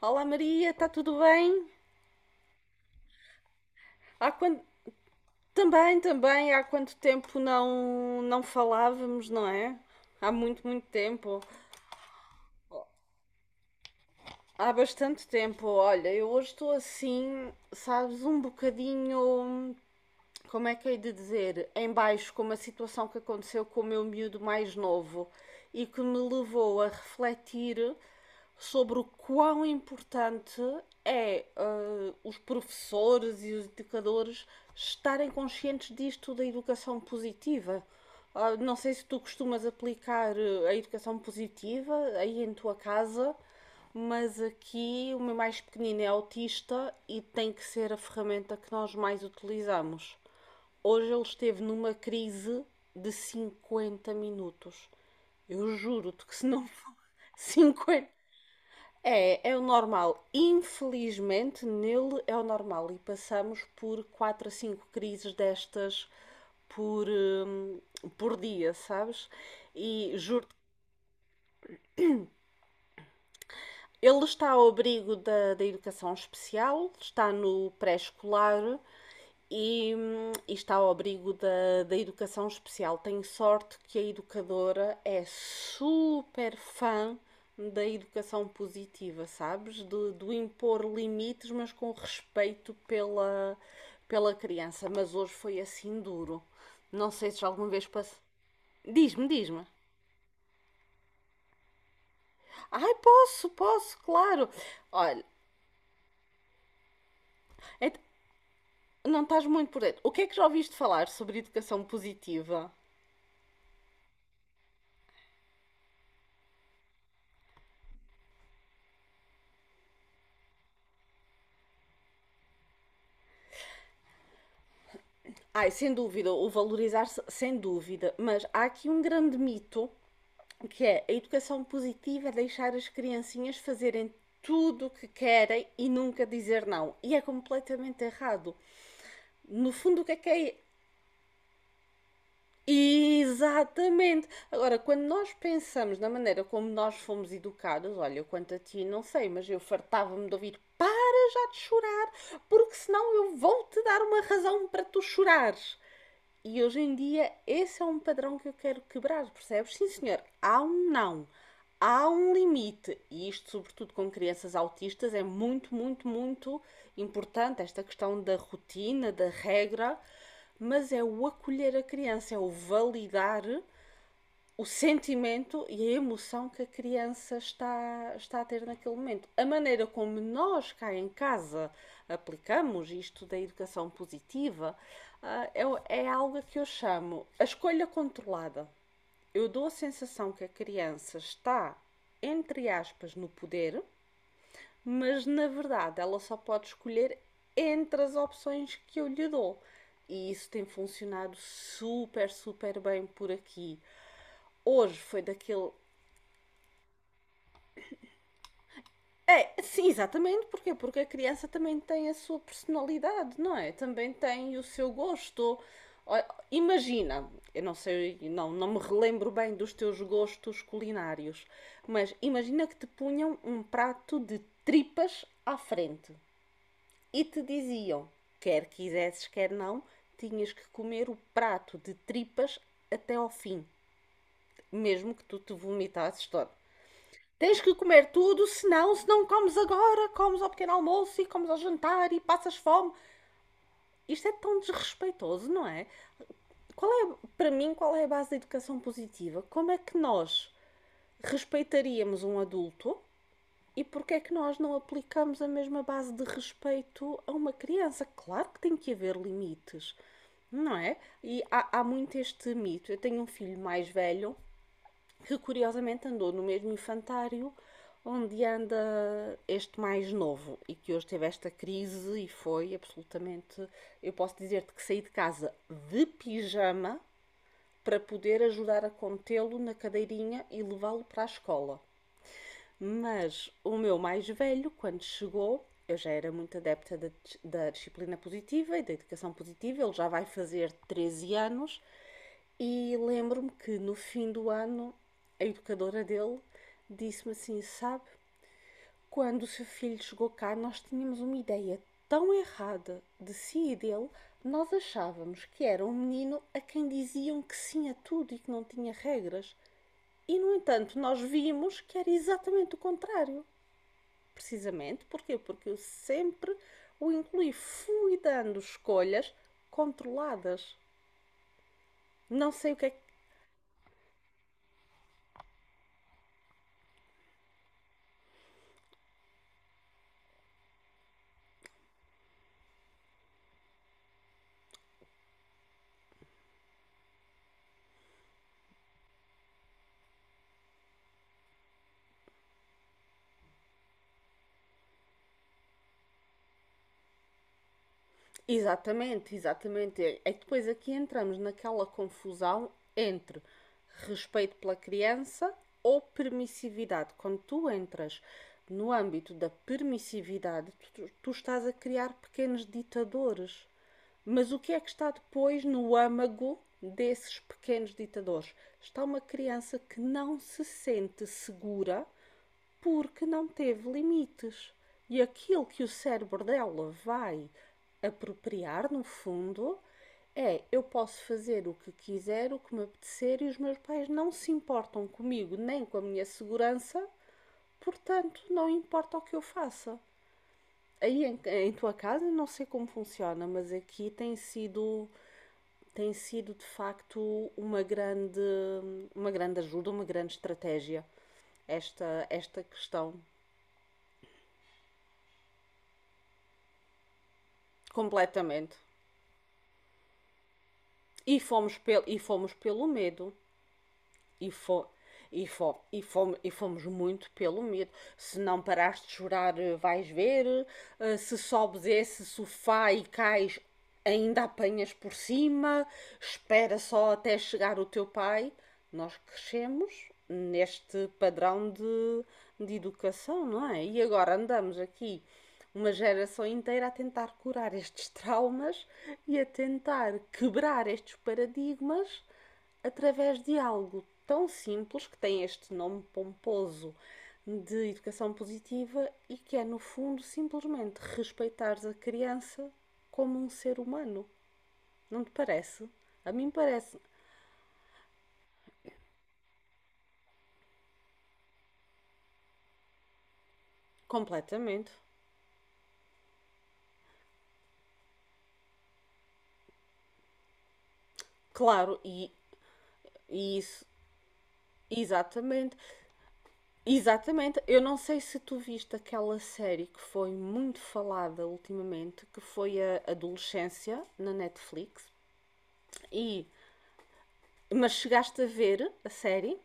Olá Maria, está tudo bem? Há quanto... também, há quanto tempo não falávamos, não é? Há muito, muito tempo. Há bastante tempo. Olha, eu hoje estou assim, sabes, um bocadinho, como é que hei de dizer, em baixo com uma situação que aconteceu com o meu miúdo mais novo e que me levou a refletir sobre o quão importante é os professores e os educadores estarem conscientes disto da educação positiva. Ah, não sei se tu costumas aplicar a educação positiva aí em tua casa, mas aqui o meu mais pequenino é autista e tem que ser a ferramenta que nós mais utilizamos. Hoje ele esteve numa crise de 50 minutos. Eu juro-te que se não for 50. É o normal. Infelizmente, nele é o normal. E passamos por 4 a 5 crises destas por, hum, por dia, sabes? E juro. Ele está ao abrigo da educação especial, está no pré-escolar e está ao abrigo da educação especial. Tenho sorte que a educadora é super fã da educação positiva, sabes? Do impor limites, mas com respeito pela, pela criança. Mas hoje foi assim duro. Não sei se já alguma vez passou. Diz-me, diz-me. Ai, posso, posso, claro. Olha. Não estás muito por dentro. O que é que já ouviste falar sobre educação positiva? Ai, sem dúvida, o valorizar-se, sem dúvida. Mas há aqui um grande mito que é: a educação positiva é deixar as criancinhas fazerem tudo o que querem e nunca dizer não. E é completamente errado. No fundo, o que é que é... Exatamente. Agora, quando nós pensamos na maneira como nós fomos educados, olha, eu quanto a ti, não sei, mas eu fartava-me de ouvir: para já de chorar, porque senão eu vou-te dar uma razão para tu chorares. E hoje em dia esse é um padrão que eu quero quebrar, percebes? Sim, senhor, há um não, há um limite. E isto, sobretudo com crianças autistas, é muito, muito, muito importante esta questão da rotina, da regra, mas é o acolher a criança, é o validar o sentimento e a emoção que a criança está a ter naquele momento. A maneira como nós cá em casa aplicamos isto da educação positiva ah, é algo que eu chamo a escolha controlada. Eu dou a sensação que a criança está, entre aspas, no poder, mas na verdade ela só pode escolher entre as opções que eu lhe dou. E isso tem funcionado super, super bem por aqui. Hoje foi daquele. É, sim, exatamente, porquê? Porque a criança também tem a sua personalidade, não é? Também tem o seu gosto. Imagina, eu não sei, não me relembro bem dos teus gostos culinários, mas imagina que te punham um prato de tripas à frente e te diziam, quer quisesses, quer não, tinhas que comer o prato de tripas até ao fim, mesmo que tu te vomitasses todo. Tens que comer tudo, senão, se não comes agora, comes ao pequeno almoço e comes ao jantar e passas fome. Isto é tão desrespeitoso, não é? Qual é, para mim, qual é a base da educação positiva? Como é que nós respeitaríamos um adulto? E porquê é que nós não aplicamos a mesma base de respeito a uma criança? Claro que tem que haver limites, não é? E há, há muito este mito. Eu tenho um filho mais velho que curiosamente andou no mesmo infantário onde anda este mais novo e que hoje teve esta crise e foi absolutamente... Eu posso dizer-te que saí de casa de pijama para poder ajudar a contê-lo na cadeirinha e levá-lo para a escola. Mas o meu mais velho, quando chegou, eu já era muito adepta da, da disciplina positiva e da educação positiva, ele já vai fazer 13 anos, e lembro-me que no fim do ano a educadora dele disse-me assim: "Sabe, quando o seu filho chegou cá, nós tínhamos uma ideia tão errada de si e dele, nós achávamos que era um menino a quem diziam que sim a tudo e que não tinha regras. E, no entanto, nós vimos que era exatamente o contrário." Precisamente, porquê? Porque eu sempre o incluí, fui dando escolhas controladas. Não sei o que é que... Exatamente, exatamente. É que depois aqui entramos naquela confusão entre respeito pela criança ou permissividade. Quando tu entras no âmbito da permissividade, tu estás a criar pequenos ditadores. Mas o que é que está depois no âmago desses pequenos ditadores? Está uma criança que não se sente segura porque não teve limites. E aquilo que o cérebro dela vai apropriar, no fundo, é: eu posso fazer o que quiser, o que me apetecer, e os meus pais não se importam comigo nem com a minha segurança, portanto, não importa o que eu faça. Aí em, em tua casa não sei como funciona, mas aqui tem sido, de facto, uma grande uma grande ajuda, uma grande estratégia, esta questão. Completamente. E fomos pelo medo. E, fo e fomos muito pelo medo. Se não parares de chorar, vais ver. Se sobes esse sofá e cais, ainda apanhas por cima. Espera só até chegar o teu pai. Nós crescemos neste padrão de educação, não é? E agora andamos aqui uma geração inteira a tentar curar estes traumas e a tentar quebrar estes paradigmas através de algo tão simples, que tem este nome pomposo de educação positiva e que é, no fundo, simplesmente respeitares a criança como um ser humano. Não te parece? A mim parece. Completamente. Claro, e isso. Exatamente, exatamente. Eu não sei se tu viste aquela série que foi muito falada ultimamente, que foi A Adolescência na Netflix, e mas chegaste a ver a série?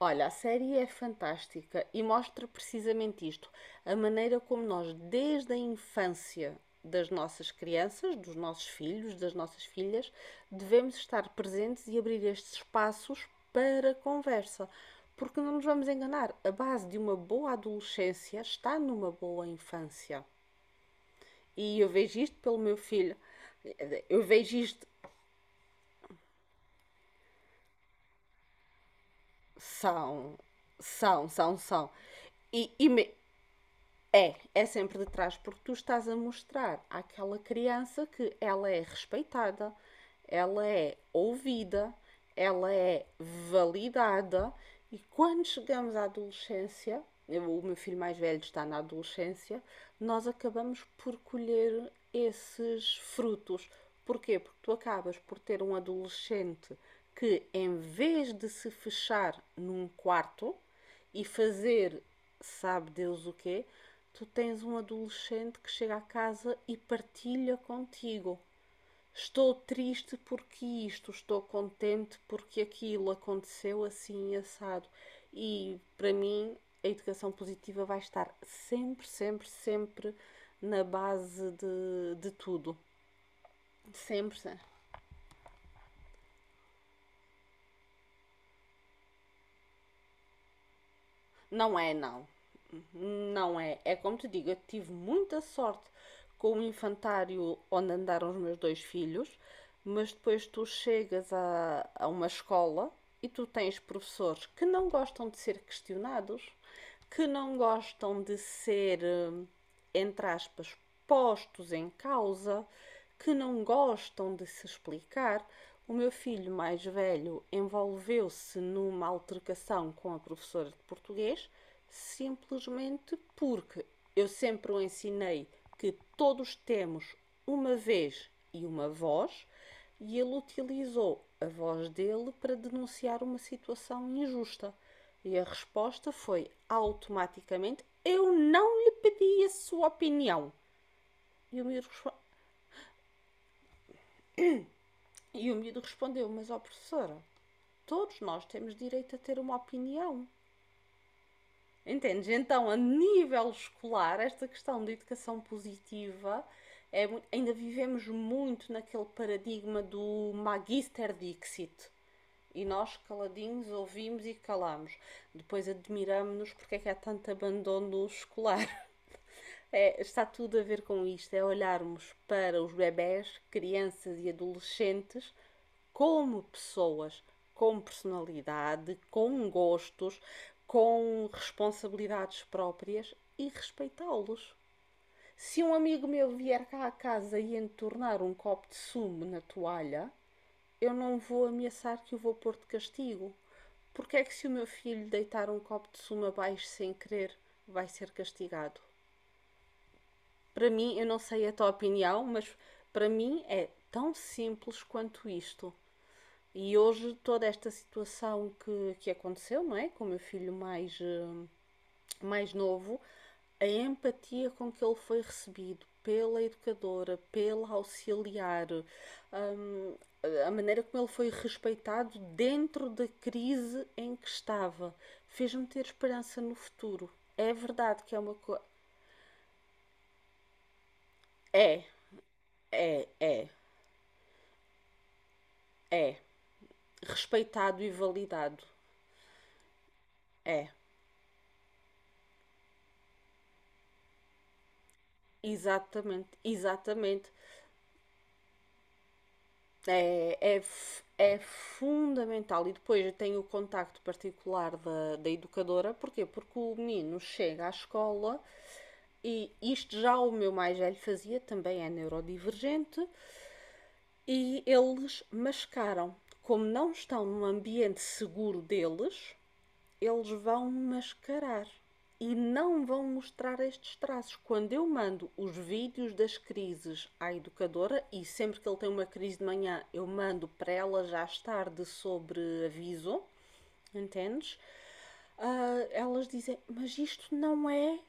Olha, a série é fantástica e mostra precisamente isto, a maneira como nós, desde a infância das nossas crianças, dos nossos filhos, das nossas filhas, devemos estar presentes e abrir estes espaços para conversa. Porque não nos vamos enganar, a base de uma boa adolescência está numa boa infância. E eu vejo isto pelo meu filho, eu vejo isto, são, são, são, são. E, e me- é sempre de trás, porque tu estás a mostrar àquela criança que ela é respeitada, ela é ouvida, ela é validada, e quando chegamos à adolescência, eu... o meu filho mais velho está na adolescência, nós acabamos por colher esses frutos. Porquê? Porque tu acabas por ter um adolescente que, em vez de se fechar num quarto e fazer sabe Deus o quê, tu tens um adolescente que chega a casa e partilha contigo. Estou triste porque isto, estou contente porque aquilo aconteceu assim assado. E para mim, a educação positiva vai estar sempre, sempre, sempre na base de tudo. Sempre, sempre. Não é, não. Não é. É como te digo, eu tive muita sorte com o infantário onde andaram os meus dois filhos, mas depois tu chegas a uma escola e tu tens professores que não gostam de ser questionados, que não gostam de ser, entre aspas, postos em causa, que não gostam de se explicar. O meu filho mais velho envolveu-se numa altercação com a professora de português, simplesmente porque eu sempre o ensinei que todos temos uma vez e uma voz, e ele utilizou a voz dele para denunciar uma situação injusta. E a resposta foi automaticamente: "Eu não lhe pedi a sua opinião." E o miúdo... O miúdo respondeu: "Mas, ó professora, todos nós temos direito a ter uma opinião." Entendes? Então, a nível escolar, esta questão da educação positiva... É, ainda vivemos muito naquele paradigma do Magister Dixit. E nós, caladinhos, ouvimos e calamos. Depois admiramos-nos porque é que há tanto abandono escolar. É, está tudo a ver com isto, é olharmos para os bebés, crianças e adolescentes como pessoas, com personalidade, com gostos, com responsabilidades próprias, e respeitá-los. Se um amigo meu vier cá à casa e entornar um copo de sumo na toalha, eu não vou ameaçar que o vou pôr de castigo. Porque é que se o meu filho deitar um copo de sumo abaixo sem querer, vai ser castigado? Para mim, eu não sei a tua opinião, mas para mim é tão simples quanto isto. E hoje toda esta situação que aconteceu, não é? Com o meu filho mais novo, a empatia com que ele foi recebido pela educadora, pela auxiliar, a maneira como ele foi respeitado dentro da crise em que estava, fez-me ter esperança no futuro. É verdade que é uma coisa... É, é, é, é. Respeitado e validado. É, exatamente, exatamente. É, é, é fundamental. E depois eu tenho o contacto particular da, da educadora. Porquê? Porque o menino chega à escola, e isto já o meu mais velho fazia, também é neurodivergente, e eles mascaram. Como não estão num ambiente seguro deles, eles vão mascarar e não vão mostrar estes traços. Quando eu mando os vídeos das crises à educadora, e sempre que ele tem uma crise de manhã, eu mando para ela já estar de sobreaviso, entendes? Ah, elas dizem, mas isto não é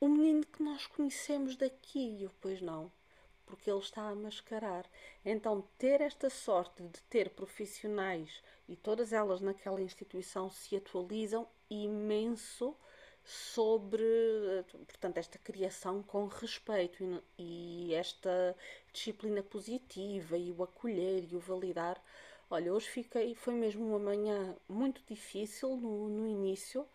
o menino que nós conhecemos daqui. E eu, pois não, porque ele está a mascarar. Então, ter esta sorte de ter profissionais e todas elas naquela instituição se atualizam imenso sobre, portanto, esta criação com respeito e esta disciplina positiva e o acolher e o validar. Olha, hoje fiquei, foi mesmo uma manhã muito difícil no início,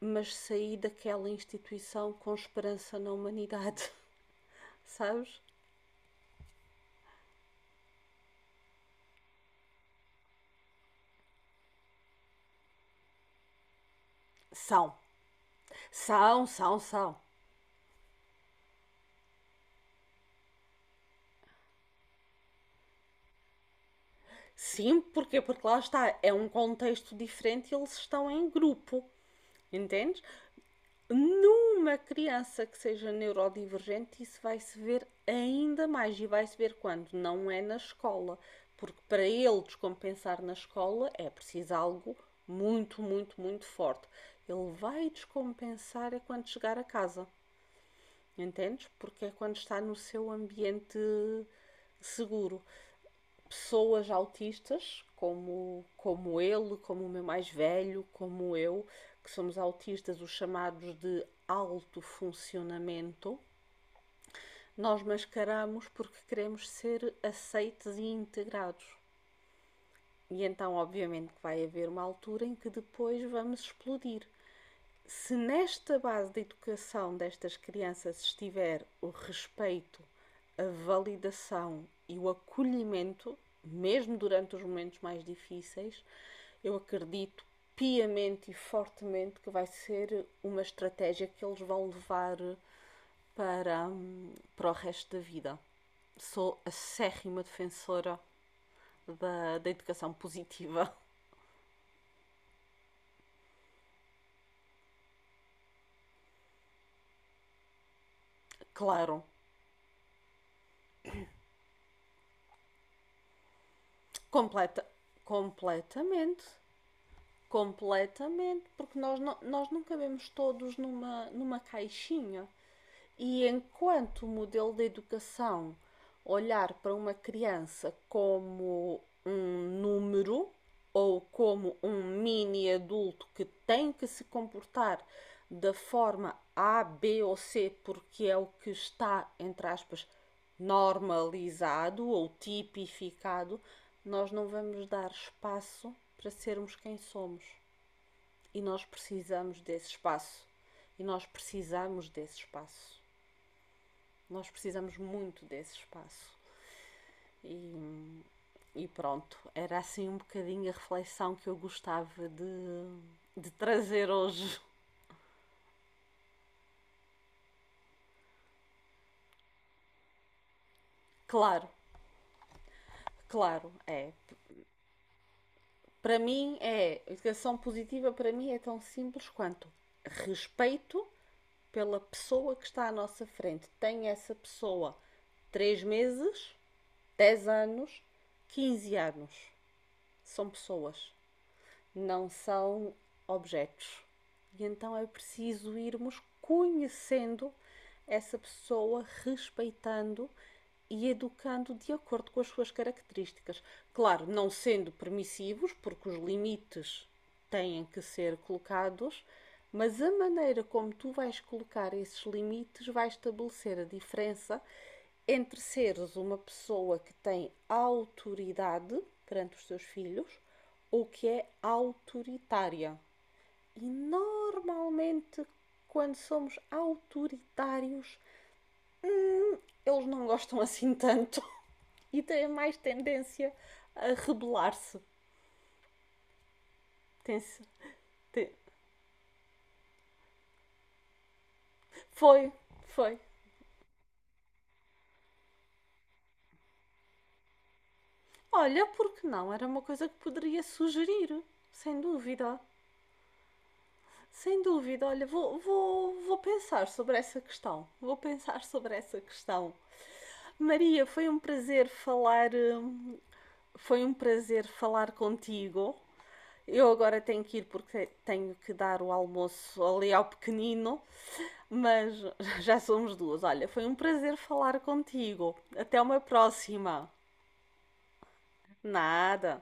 mas saí daquela instituição com esperança na humanidade, sabes? São, são, são, são. Sim, porque lá está, é um contexto diferente e eles estão em grupo, entendes? Numa criança que seja neurodivergente, isso vai se ver ainda mais e vai se ver quando não é na escola, porque para ele descompensar na escola é preciso algo muito, muito, muito forte. Ele vai descompensar é quando chegar a casa. Entendes? Porque é quando está no seu ambiente seguro. Pessoas autistas, como ele, como o meu mais velho, como eu, que somos autistas, os chamados de alto funcionamento, nós mascaramos porque queremos ser aceites e integrados. E então, obviamente, vai haver uma altura em que depois vamos explodir. Se nesta base de educação destas crianças estiver o respeito, a validação e o acolhimento, mesmo durante os momentos mais difíceis, eu acredito piamente e fortemente que vai ser uma estratégia que eles vão levar para, para o resto da vida. Sou acérrima defensora da educação positiva, claro, completa, completamente. Completamente, porque nós não cabemos todos numa, numa caixinha. E enquanto o modelo de educação olhar para uma criança como um número ou como um mini adulto que tem que se comportar da forma A, B ou C, porque é o que está, entre aspas, normalizado ou tipificado, nós não vamos dar espaço para sermos quem somos. E nós precisamos desse espaço. E nós precisamos desse espaço. Nós precisamos muito desse espaço. E, e pronto, era assim um bocadinho a reflexão que eu gostava de trazer hoje. Claro, claro, é. Para mim é, educação positiva para mim é tão simples quanto respeito pela pessoa que está à nossa frente. Tem essa pessoa 3 meses, 10 anos, 15 anos. São pessoas, não são objetos. E então é preciso irmos conhecendo essa pessoa, respeitando e educando de acordo com as suas características. Claro, não sendo permissivos, porque os limites têm que ser colocados, mas a maneira como tu vais colocar esses limites vai estabelecer a diferença entre seres uma pessoa que tem autoridade perante os seus filhos ou que é autoritária. E normalmente, quando somos autoritários, eles não gostam assim tanto e têm mais tendência a rebelar-se. Foi, foi. Olha, porque não? Era uma coisa que poderia sugerir, sem dúvida. Sem dúvida, olha, vou pensar sobre essa questão. Vou pensar sobre essa questão. Maria, foi um prazer falar, foi um prazer falar contigo. Eu agora tenho que ir porque tenho que dar o almoço ali ao pequenino, mas já somos duas. Olha, foi um prazer falar contigo. Até uma próxima. Nada.